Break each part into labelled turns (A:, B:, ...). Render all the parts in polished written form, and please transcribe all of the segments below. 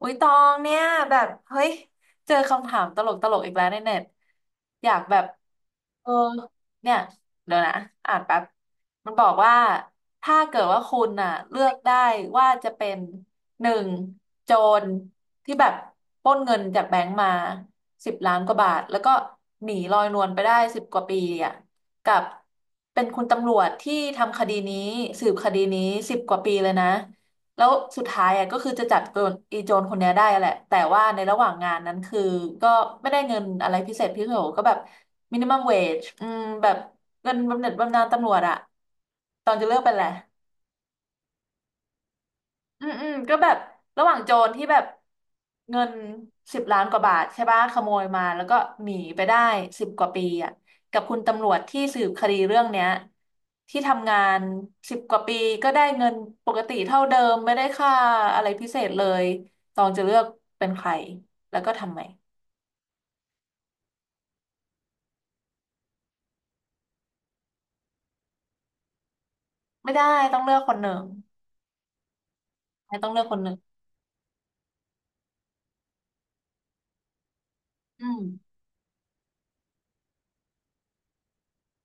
A: อุ้ยตองเนี่ยแบบเฮ้ยเจอคำถามตลกตลกอีกแล้วในเน็ตอยากแบบเออเนี่ยเดี๋ยวนะอ่านแป๊บมันบอกว่า ถ้าเกิดว่าคุณน่ะเลือกได้ว่าจะเป็นหนึ่งโจรที่แบบปล้นเงินจากแบงก์มาสิบล้านกว่าบาท แล้วก็หนีลอยนวลไปได้สิบกว่าปีอ่ะกับเป็นคุณตำรวจที่ทำคดีนี้สืบคดีนี้สิบกว่าปีเลยนะ แล้วสุดท้ายอ่ะก็คือจะจับโจรอีโจรคนเนี้ยได้แหละแต่ว่าในระหว่างงานนั้นคือก็ไม่ได้เงินอะไรพิเศษพิเศษก็แบบมินิมัมเวจแบบเงินบำเหน็จบำนาญตำรวจอะตอนจะเลิกไปแหละ อืมอืมก็แบบระหว่างโจรที่แบบเงินสิบล้านกว่าบาทใช่ปะขโมยมาแล้วก็หนีไปได้สิบกว่าปีอ่ะกับคุณตำรวจที่สืบคดีเรื่องเนี้ยที่ทำงานสิบกว่าปีก็ได้เงินปกติเท่าเดิมไม่ได้ค่าอะไรพิเศษเลยตองจะเลือกเป็นใครแล้วก็ทำไมไม่ได้ต้องเลือกคนหนึ่งไม่ต้องเลือกคนหนึ่งอืม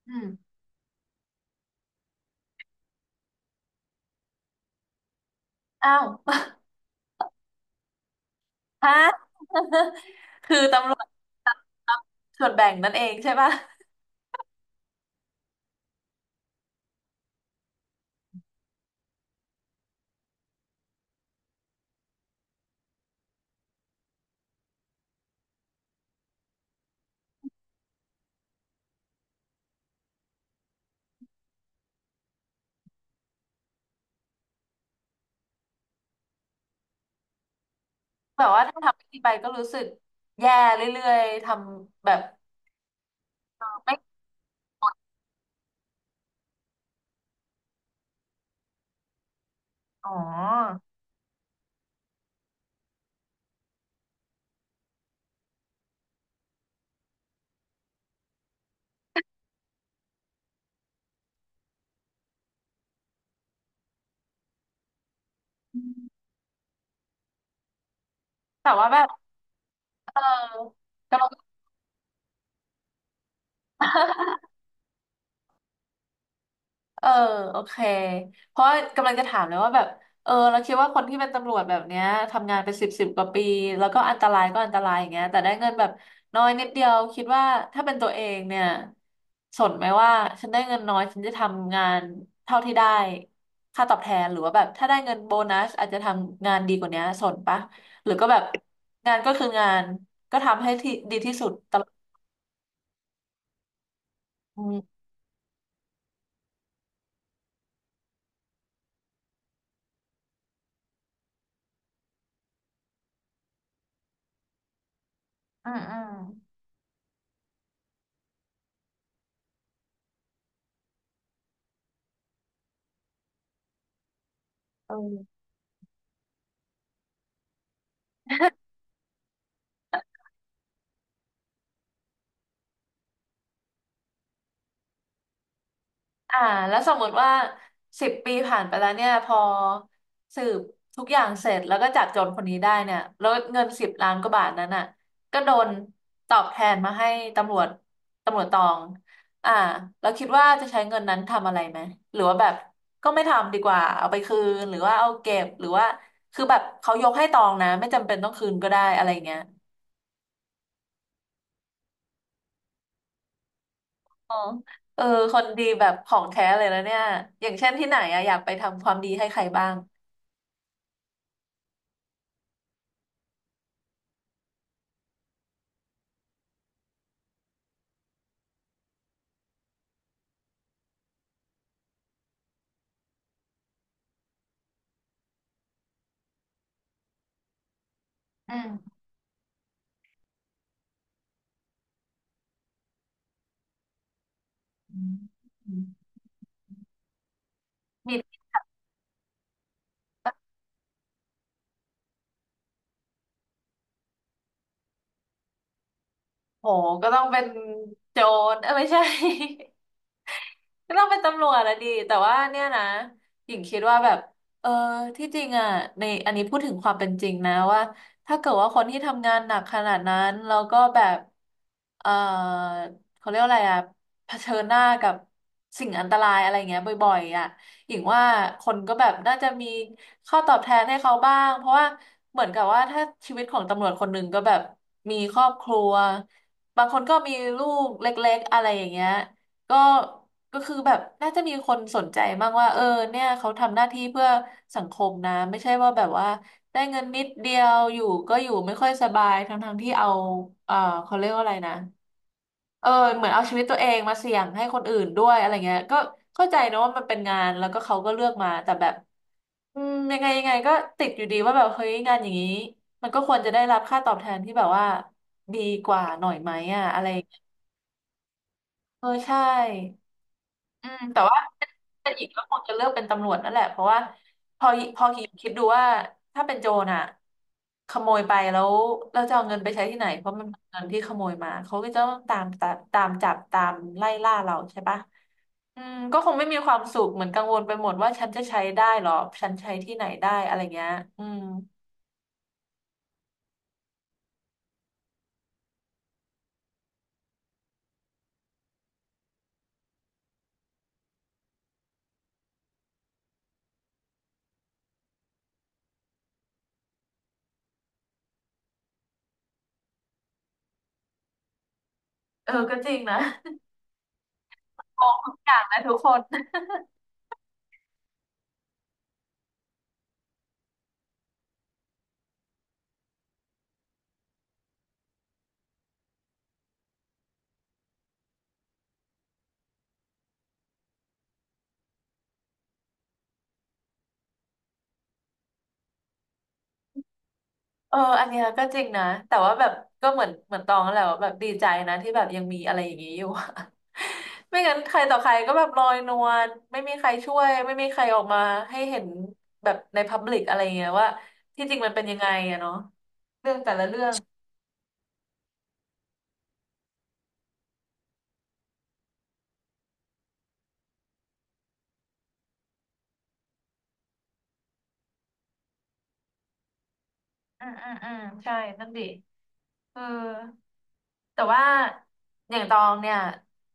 A: อืมอ้าว ฮะ คือตำรวจส่วนแบ่งนั่นเองใช่ปะ แบบว่าถ้าทำไม่ดีไปก็รู้สึกแย่เรื่อยๆทำแบบไม่อ๋อแต่ว่าแบบเออกำลัง เออโอเคเพราะกำลังจะถามเลยว่าแบบเออเราคิดว่าคนที่เป็นตำรวจแบบเนี้ยทำงานเป็นสิบกว่าปีแล้วก็อันตรายก็อันตรายอย่างเงี้ยแต่ได้เงินแบบน้อยนิดเดียวคิดว่าถ้าเป็นตัวเองเนี่ยสนไหมว่าฉันได้เงินน้อยฉันจะทำงานเท่าที่ได้ค่าตอบแทนหรือว่าแบบถ้าได้เงินโบนัสอาจจะทำงานดีกว่าเนี้ยสนปะหรือก็แบบงานก็คืองานก็ทำให้ที่ดีที่สุดตลอดอืมอืมอืมเออ อ่าแล้วสมมติว่า10 ปีผ่านไปแล้วเนี่ยพอสืบทุกอย่างเสร็จแล้วก็จับโจรคนนี้ได้เนี่ยแล้วเงินสิบล้านกว่าบาทนั้นอ่ะก็โดนตอบแทนมาให้ตำรวจตำรวจตองอ่าเราคิดว่าจะใช้เงินนั้นทำอะไรไหมหรือว่าแบบก็ไม่ทำดีกว่าเอาไปคืนหรือว่าเอาเก็บหรือว่าคือแบบเขายกให้ตองนะไม่จำเป็นต้องคืนก็ได้อะไรเงี้ยอ๋อเออคนดีแบบของแท้เลยแล้วเนี่ยอย่างเช่นที่ไหนอะอยากไปทำความดีให้ใครบ้างอืม อืมเน โหก็ต้องเป็นโจรเออไม่ใช่ ก็ต้องเป็นตำรวจละดีแต่ว่าเนี่ยนะหญิงคิดว่าแบบเออที่จริงอ่ะในอันนี้พูดถึงความเป็นจริงนะว่าถ้าเกิดว่าคนที่ทำงานหนักขนาดนั้นแล้วก็แบบเออเขาเรียกว่าอะไรอ่ะเผชิญหน้ากับสิ่งอันตรายอะไรเงี้ยบ่อยๆอ่ะหญิงว่าคนก็แบบน่าจะมีข้อตอบแทนให้เขาบ้างเพราะว่าเหมือนกับว่าถ้าชีวิตของตำรวจคนหนึ่งก็แบบมีครอบครัว บางคนก็มีลูกเล็กๆอะไรอย่างเงี้ยก็ก็คือแบบน่าจะมีคนสนใจมากว่าเออเนี่ยเขาทำหน้าที่เพื่อสังคมนะไม่ใช่ว่าแบบว่าได้เงินนิดเดียวอยู่ก็อยู่ไม่ค่อยสบายทั้งๆที่เอาเออเขาเรียกว่าอะไรนะเออเหมือนเอาชีวิตตัวเองมาเสี่ยงให้คนอื่นด้วยอะไรเงี้ยก็เข้าใจนะว่ามันเป็นงานแล้วก็เขาก็เลือกมาแต่แบบอืมยังไงยังไงก็ติดอยู่ดีว่าแบบเฮ้ยงานอย่างนี้มันก็ควรจะได้รับค่าตอบแทนที่แบบว่าดีกว่าหน่อยไหมอ่ะอะไร เออใช่อืมแต่ว่าถ้าเป็นอีกก็คงจะเลือกเป็นตำรวจนั่นแหละเพราะว่าพอพอคิดดูว่าถ้าเป็นโจรอ่ะขโมยไปแล้วเราจะเอาเงินไปใช้ที่ไหนเพราะมันเป็นเงินที่ขโมยมาเขาก็จะต้องตามตามตามจับตามไล่ล่าเราใช่ปะอืมก็คงไม่มีความสุขเหมือนกังวลไปหมดว่าฉันจะใช้ได้หรอฉันใช้ที่ไหนได้อะไรเงี้ยอืมเออก็จริงนะ มองทุกอย่างนะทุกคน เอออันเนี้ยก็จริงนะแต่ว่าแบบก็เหมือนเหมือนตองนั่นแหละว่าแบบดีใจนะที่แบบยังมีอะไรอย่างนี้อยู่ ไม่งั้นใครต่อใครก็แบบลอยนวลไม่มีใครช่วยไม่มีใครออกมาให้เห็นแบบในพับลิกอะไรเงี้ยว่าที่จริงมันเป็นยังไงอะเนาะเรื่องแต่ละเรื่องอืมอืมอืมใช่นั่นดิเออ แต่ว่าอย่างตองเนี่ย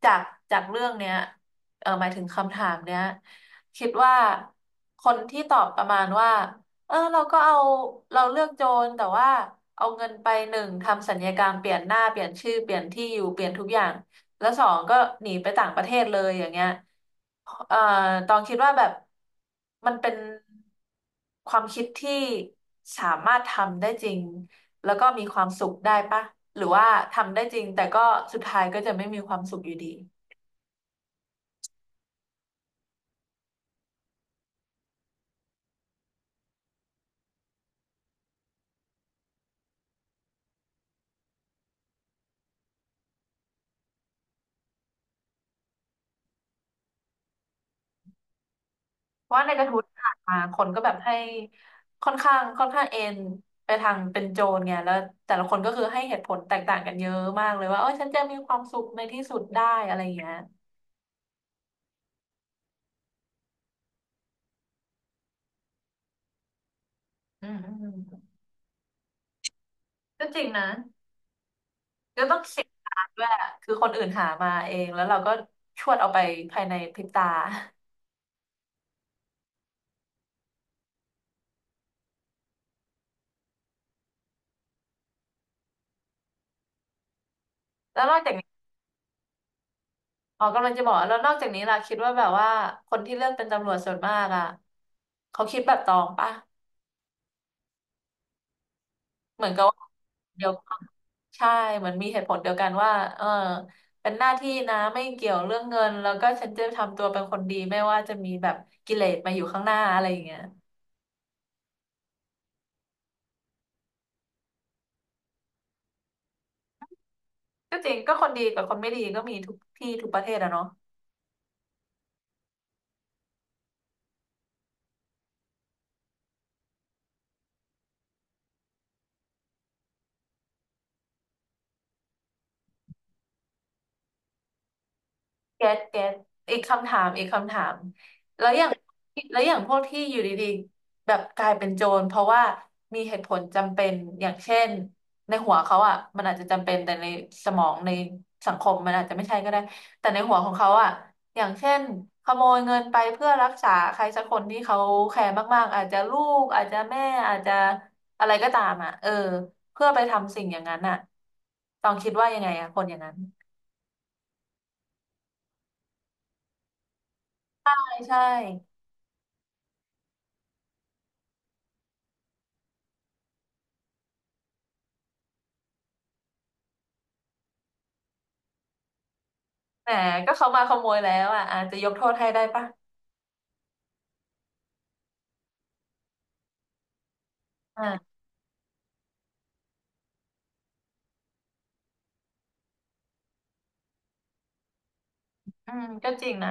A: จากจากเรื่องเนี้ยเออหมายถึงคำถามเนี้ยคิดว่าคนที่ตอบประมาณว่าเออเราก็เอาเราเลือกโจรแต่ว่าเอาเงินไปหนึ่งทำสัญญากรรมเปลี่ยนหน้าเปลี่ยนชื่อเปลี่ยนที่อยู่เปลี่ยนทุกอย่างแล้วสองก็หนีไปต่างประเทศเลยอย่างเงี้ยเอ่อตองคิดว่าแบบมันเป็นความคิดที่สามารถทำได้จริง แล้วก็มีความสุขได้ปะหรือว่าทำได้จริงแต่ก็สุดท้ายก็จะไม่มีความสุขอยู่ดีเพราะว่าในกระทู้ที่ผ่านมาคนก็แบบให้ค่อนข้างเอ็นไปทางเป็นโจรไงแล้วแต่ละคนก็คือให้เหตุผลแตกต่างกันเยอะมากเลยว่าเออฉันจะมีความสุขในที่สุดได้อะไรอย่างเงี้ยอืมอืมอก็จริงนะก็ต้องเสียดายด้วยอะคือคนอื่นหามาเองแล้วเราก็ชวดเอาไปภายในพริบตาแล้วนอกจาก อ๋อกำลังจะบอกแล้วนอกจากนี้ล่ะคิดว่าแบบว่าคนที่เลือกเป็นตำรวจส่วนมากอ่ะเขาคิดแบบตองปะเหมือนกับว่าเดียวกันใช่เหมือนมีเหตุผลเดียวกันว่าเออเป็นหน้าที่นะไม่เกี่ยวเรื่องเงินแล้วก็ฉันจะทำตัวเป็นคนดีไม่ว่าจะมีแบบกิเลสมาอยู่ข้างหน้าอะไรอย่างเงี้ยก็จริงก็คนดีกับคนไม่ดีก็มีทุกที่ทุกประเทศอะเนาะ แก๊สแก๊สอีกคำถามแล้วอย่างแล้วอย่างพวกที่อยู่ดีๆแบบกลายเป็นโจรเพราะว่ามีเหตุผลจำเป็นอย่างเช่นในหัวเขาอ่ะมันอาจจะจำเป็นแต่ในสมองในสังคมมันอาจจะไม่ใช่ก็ได้แต่ในหัวของเขาอ่ะอย่างเช่นขโมยเงินไปเพื่อรักษาใครสักคนที่เขาแคร์มากๆอาจจะลูกอาจจะแม่อาจจะอะไรก็ตามอ่ะเออเพื่อไปทำสิ่งอย่างนั้นอ่ะต้องคิดว่ายังไงอ่ะคนอย่างนั้นใช่ใช่ แหมก็เขามาขโมยแล้วอ่ะอาจจะยกโทษให้ได้ปะอ่าอืมก็จริงนะ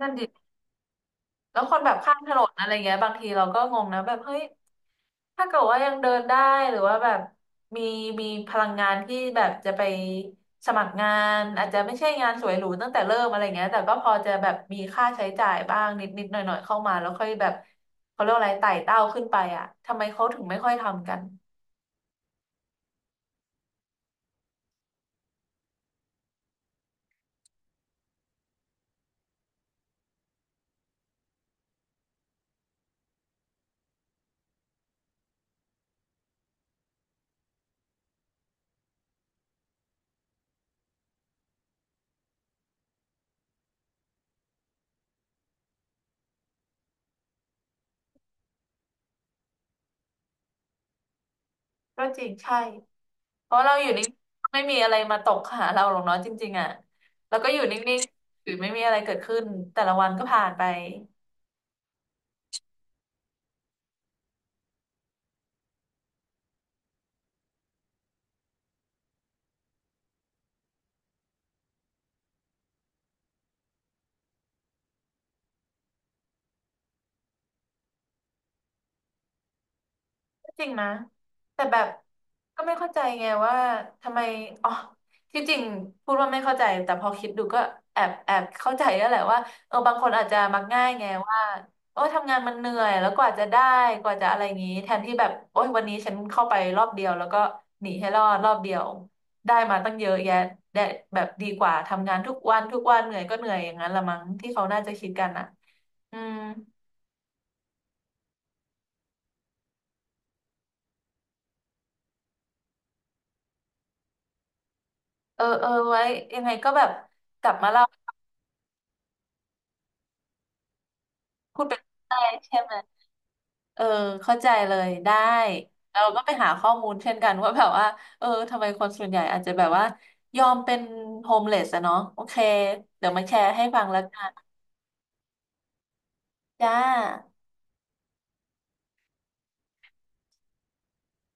A: นั่นดิแล้วคนแบบข้ามถนนอะไรเงี้ยบางทีเราก็งงนะแบบเฮ้ยถ้าเกิดว่ายังเดินได้หรือว่าแบบมีมีพลังงานที่แบบจะไปสมัครงานอาจจะไม่ใช่งานสวยหรูตั้งแต่เริ่มอะไรเงี้ยแต่ก็พอจะแบบมีค่าใช้จ่ายบ้างนิดนิดหน่อยหน่อยๆเข้ามาแล้วค่อยแบบเขาเรียกว่าอะไรไต่เต้าขึ้นไปอ่ะทำไมเขาถึงไม่ค่อยทำกันก็จริงใช่ เพราะเราอยู่นิ่งไม่มีอะไรมาตกหาเราหรอกเนาะจริงๆอ่ะแล้วก็อยู่นิ่งๆหรือไม่มีอะไรเกิดขึ้นแต่ละวันก็ผ่านไป จริงนะแต่แบบก็ไม่เข้าใจไงว่าทำไมอ๋อที่จริงพูดว่าไม่เข้าใจแต่พอคิดดูก็แอบเข้าใจแล้วแหละว่าเออบางคนอาจจะมักง่ายไงว่าโอ้ยทำงานมันเหนื่อยแล้วกว่าจะได้กว่าจะอะไรอย่างงี้แทนที่แบบโอ้ยวันนี้ฉันเข้าไปรอบเดียวแล้วก็หนีให้รอดรอบเดียวได้มาตั้งเยอะแยะได้แบบดีกว่าทำงานทุกวันทุกวันเหนื่อยก็เหนื่อยอย่างนั้นละมั้งที่เขาน่าจะคิดกันอ่ะอืมเออเออไว้ยังไงก็แบบกลับมาเล่า พูดไปได้ใช่ไหมเออเข้าใจเลยได้เราก็ไปหาข้อมูลเช่นกันว่าแบบว่าเออทำไมคนส่วนใหญ่อาจจะแบบว่ายอมเป็นโฮมเลสอะเนาะโอเคเดี๋ยวมาแชร์ให้ฟังแล้วกันจ้า